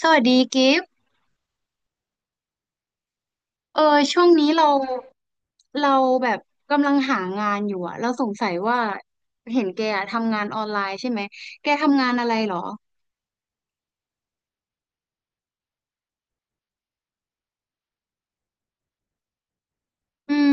สวัสดีกิฟต์เออช่วงนี้เราแบบกำลังหางานอยู่อะเราสงสัยว่าเห็นแกอะทำงานออนไลน์ใช่ไหมแกทำงานอะไรเหรออืม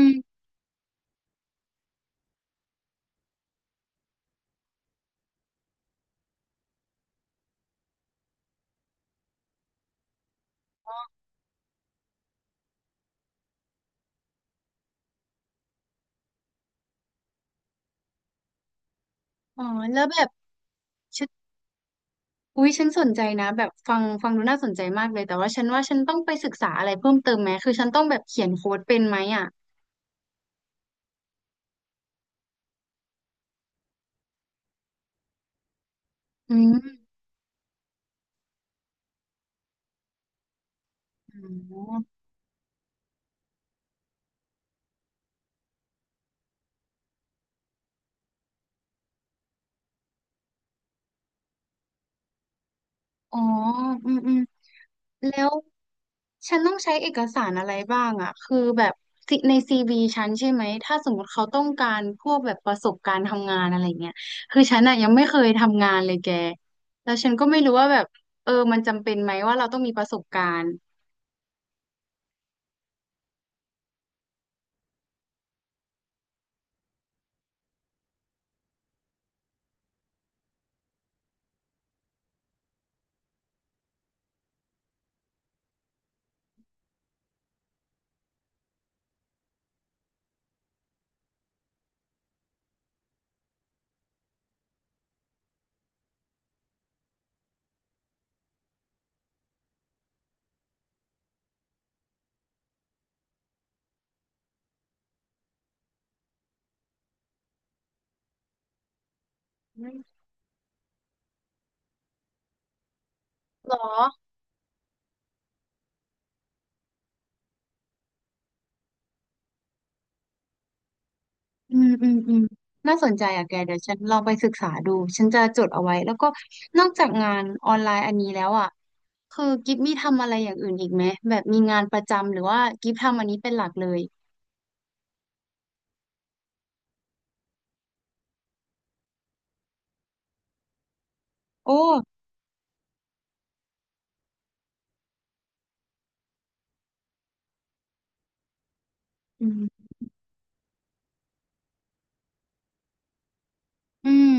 อ๋อแล้วแบบฉันอุ๊ยฉันสนใจนะแบบฟังดูน่าสนใจมากเลยแต่ว่าฉันว่าฉันต้องไปศึกษาอะไรเพิ่มเติมไหมคือฉันต้องแบบเขียนโค้ดเป็นไหมอ่ะอืมอ๋อ อ๋ออืมอืมแล้วฉันต้องใช้เอกสารอะไรบ้างอ่ะคือแบบในซีวีฉันใช่ไหม ถ้าสมมติเขาต้องการพวกแบบประสบการณ์ทำงานอะไรเงี้ยคือฉันอ่ะยังไม่เคยทำงานเลยแกแล้วฉันก็ไม่รู้ว่าแบบมันจำเป็นไหมว่าเราต้องมีประสบการณ์อืมหรอ อืมอืมอืมน่าสนใจอ่ะแกเดี๋ยวฉันลองไปศึกษาดูฉันจะจดเอาไว้แล้วก็นอกจากงานออนไลน์อันนี้แล้วอ่ะคือกิฟมีทำอะไรอย่างอื่นอีกไหมแบบมีงานประจำหรือว่ากิฟทำอันนี้เป็นหลักเลยโอ้อืมอืม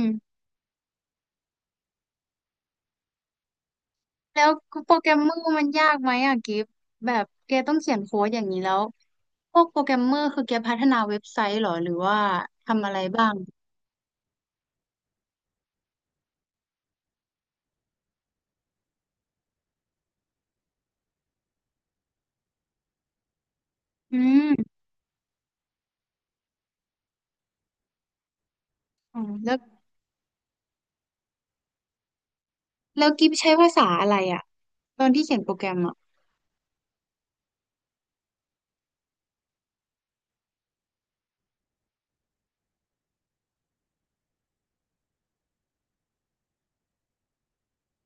แล้วโปรแกรมเมอร์มันยากไหมอ่ะกิฟแบบแกต้องเขียนโค้ดอย่างนี้แล้วพวกโปรแกรมเมอร์คือแกพัฒนาเว็บไซต์เหรอหรือว่าทำอะไรบ้างอืมอ๋อแล้วกิฟใช้ภาษาอะไรอ่ะตอนที่เขียนโปรแกรมอ่ะ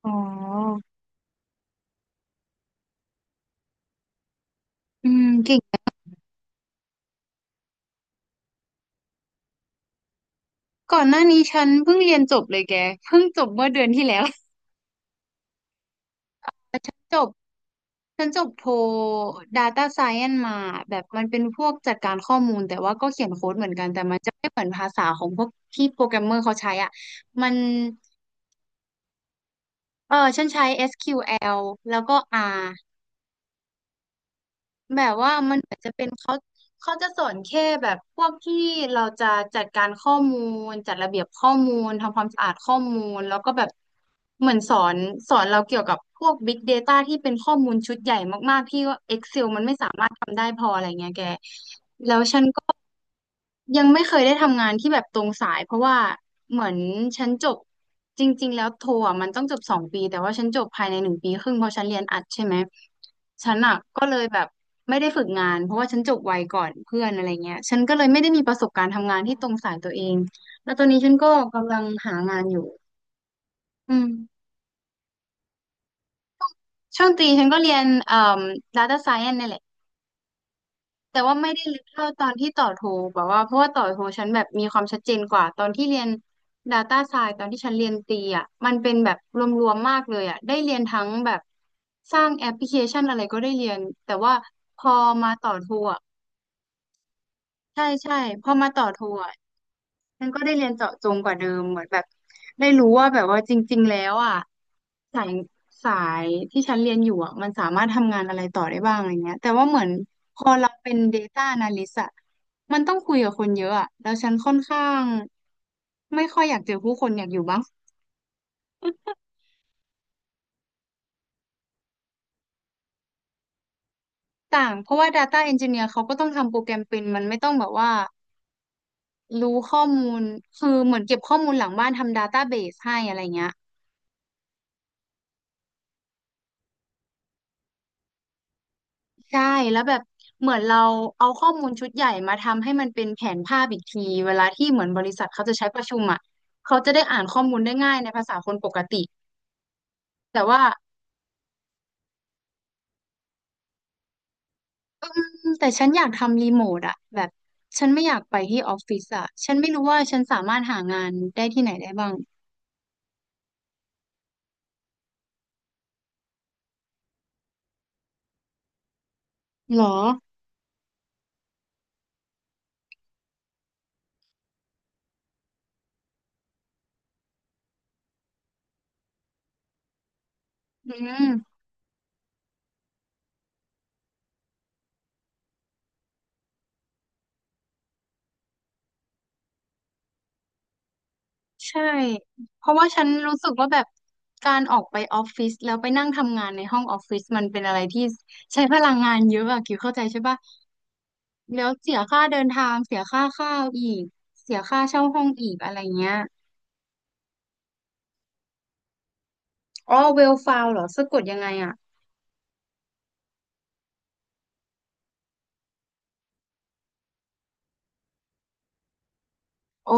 อ๋อ อืมเก่งก่อนหน้านี้ฉันเพิ่งเรียนจบเลยแกเพิ่งจบเมื่อเดือนที่แล้ว ฉันจบฉันจบโท Data Science มาแบบมันเป็นพวกจัดการข้อมูลแต่ว่าก็เขียนโค้ดเหมือนกันแต่มันจะไม่เหมือนภาษาของพวกที่โปรแกรมเมอร์เขาใช้อ่ะมันเออฉันใช้ SQL แอลแล้วก็ R แบบว่ามันเหมือนจะเป็นเขาเขาจะสอนแค่แบบพวกที่เราจะจัดการข้อมูลจัดระเบียบข้อมูลทำความสะอาดข้อมูลแล้วก็แบบเหมือนสอนเราเกี่ยวกับพวก Big Data ที่เป็นข้อมูลชุดใหญ่มากๆที่ว่า Excel มันไม่สามารถทำได้พออะไรเงี้ยแก ยังไม่เคยได้ทำงานที่แบบตรงสายเพราะว่าเหมือนฉันจบจริงๆแล้วโทอ่ะมันต้องจบ2 ปีแต่ว่าฉันจบภายใน1 ปีครึ่งเพราะฉันเรียนอัดใช่ไหมฉันอ่ะก็เลยแบบไม่ได้ฝึกงานเพราะว่าฉันจบไวก่อนเพื่อนอะไรเงี้ยฉันก็เลยไม่ได้มีประสบการณ์ทำงานที่ตรงสายตัวเองแล้วตอนนี้ฉันก็กำลังหางานอยู่อืมช่วงตรีฉันก็เรียนdata science นี่แหละ แต่ว่าไม่ได้ลึกเท่าตอนที่ต่อโทแบบว่าเพราะว่าต่อโทฉันแบบมีความชัดเจนกว่าตอนที่เรียน Data Science ตอนที่ฉันเรียนตรีอ่ะมันเป็นแบบรวมๆมากเลยอ่ะได้เรียนทั้งแบบสร้างแอปพลิเคชันอะไรก็ได้เรียนแต่ว่าพอมาต่อโทอ่ะใช่ใช่พอมาต่อโทอ่ะ มันก็ได้เรียนเจาะจงกว่าเดิมเหมือนแบบได้รู้ว่าแบบว่าจริงๆแล้วอ่ะสายสายที่ฉันเรียนอยู่อ่ะมันสามารถทำงานอะไรต่อได้บ้างอะไรเงี้ยแต่ว่าเหมือนพอเราเป็น Data Analyst อ่ะมันต้องคุยกับคนเยอะอ่ะแล้วฉันค่อนข้างไม่ค่อยอยากเจอผู้คนอยากอยู่บ้างต่างเพราะว่า Data Engineer เขาก็ต้องทำโปรแกรมเป็นมันไม่ต้องแบบว่ารู้ข้อมูลคือเหมือนเก็บข้อมูลหลังบ้านทำ Database ให้อะไรเงี้ย ใช่แล้วแบบเหมือนเราเอาข้อมูลชุดใหญ่มาทำให้มันเป็นแผนภาพอีกทีเวลาที่เหมือนบริษัทเขาจะใช้ประชุมอ่ะเขาจะได้อ่านข้อมูลได้ง่ายในภาษาคนปกติแต่ว่าอืมแต่ฉันอยากทำรีโมทอ่ะแบบฉันไม่อยากไปที่ออฟฟิศอ่ะฉันไม่รู้ว่าฉันสามารถหางานได้ที่ไหนได้บ้างหรออืมใช่เพราะว่าฉันรู้สึกว่าแบบการออกไปออฟฟิศแล้วไปนั่งทำงานในห้องออฟฟิศมันเป็นอะไรที่ใช้พลังงานเยอะอะคิวเข้าใจใช่ปะ แล้วเสียค่าเดินทางเสียค่าข้าวอีกเสียค่าเช่าห้องอีกอะไรเงี้ยอ๋อเวลฟาวเหรอสะกดยังไงอ่ะโอ้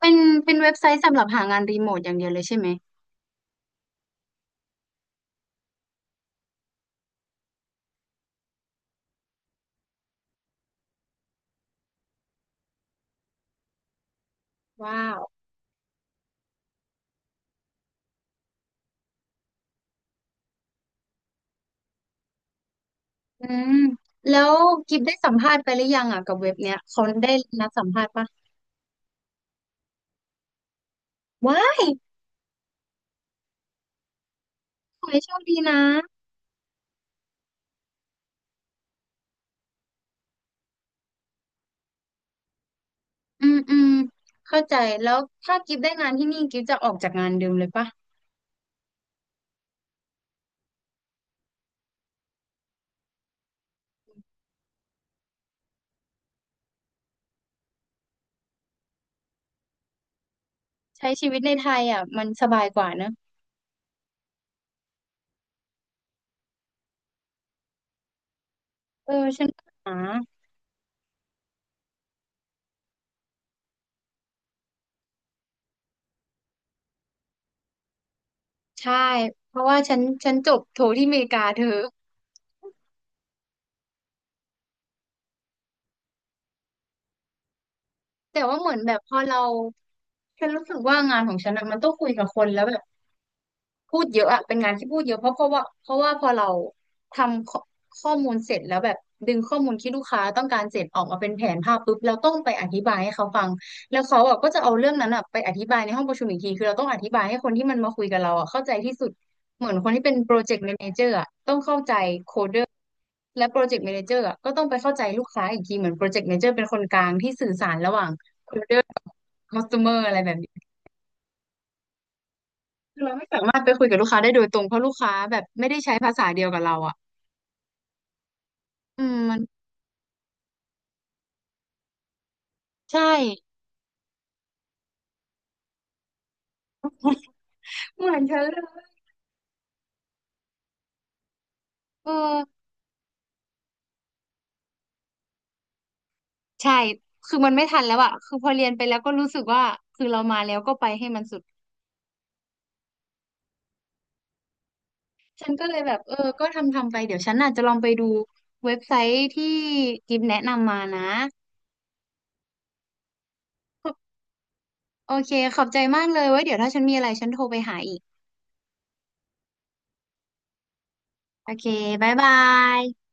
เป็นเป็นเว็บไซต์สำหรับหางานรีโมทอย่างเดียวเลยใช่ไหมว้าวอืมแล้วกิฟได้สัมภาษณ์ไปหรือยังอ่ะกับเว็บเนี้ยเขาได้นัดสัมภาษณ์ปะว้ายขอให้โชคดีนะอืมอืมเข้าใจแล้วถ้ากิฟได้งานที่นี่กิฟจะออกจากงานเดิมเลยปะใช้ชีวิตในไทยอ่ะมันสบายกว่าเนอะเออฉันก็หา ใช่เพราะว่าฉันจบโทที่อเมริกาเธอแต่ว่าเหมือนแบบพอเราฉันรู้สึกว่างานของฉันอะมันต้องคุยกับคนแล้วแบบพูดเยอะอะเป็นงานที่พูดเยอะเพราะเพราะว่าเพราะว่าพอเราทำข้อมูลเสร็จแล้วแบบดึงข้อมูลที่ลูกค้าต้องการเสร็จออกมาเป็นแผนภาพปุ๊บเราต้องไปอธิบายให้เขาฟังแล้วเขาอะก็จะเอาเรื่องนั้นอะไปอธิบายในห้องประชุมอีกทีคือเราต้องอธิบายให้คนที่มันมาคุยกับเราอะเข้าใจที่สุดเหมือนคนที่เป็นโปรเจกต์แมเนเจอร์ และโปรเจกต์ a ม a นเจอร์ก็ต้องไปเข้าใจลูกค้าอีกทีเหมือนโปรเจกต์ a ม a นเจอร์เป็นคนกลางที่สื่อสารระหว่างโคเดอร์คอสเตอร์อะไรแบบนี้คือเราไม่สามารถไปคุยกับลูกค้าได้โดยตรงเพราะลูกค้าแบบไม่ได้ใช้ภาษาเดียวกับเราอ่ะอืมมันใช่เหมือนเธอเลยเออใช่คือมันไม่ทันแล้วอะคือพอเรียนไปแล้วก็รู้สึกว่าคือเรามาแล้วก็ไปให้มันสุดฉันก็เลยแบบเออก็ทำไปเดี๋ยวฉันอาจจะลองไปดูเว็บไซต์ที่กิฟแนะนำมานะโอเคขอบใจมากเลยไว้เดี๋ยวถ้าฉันมีอะไรฉันโทรไปหาอีก โอเคบ๊ายบาย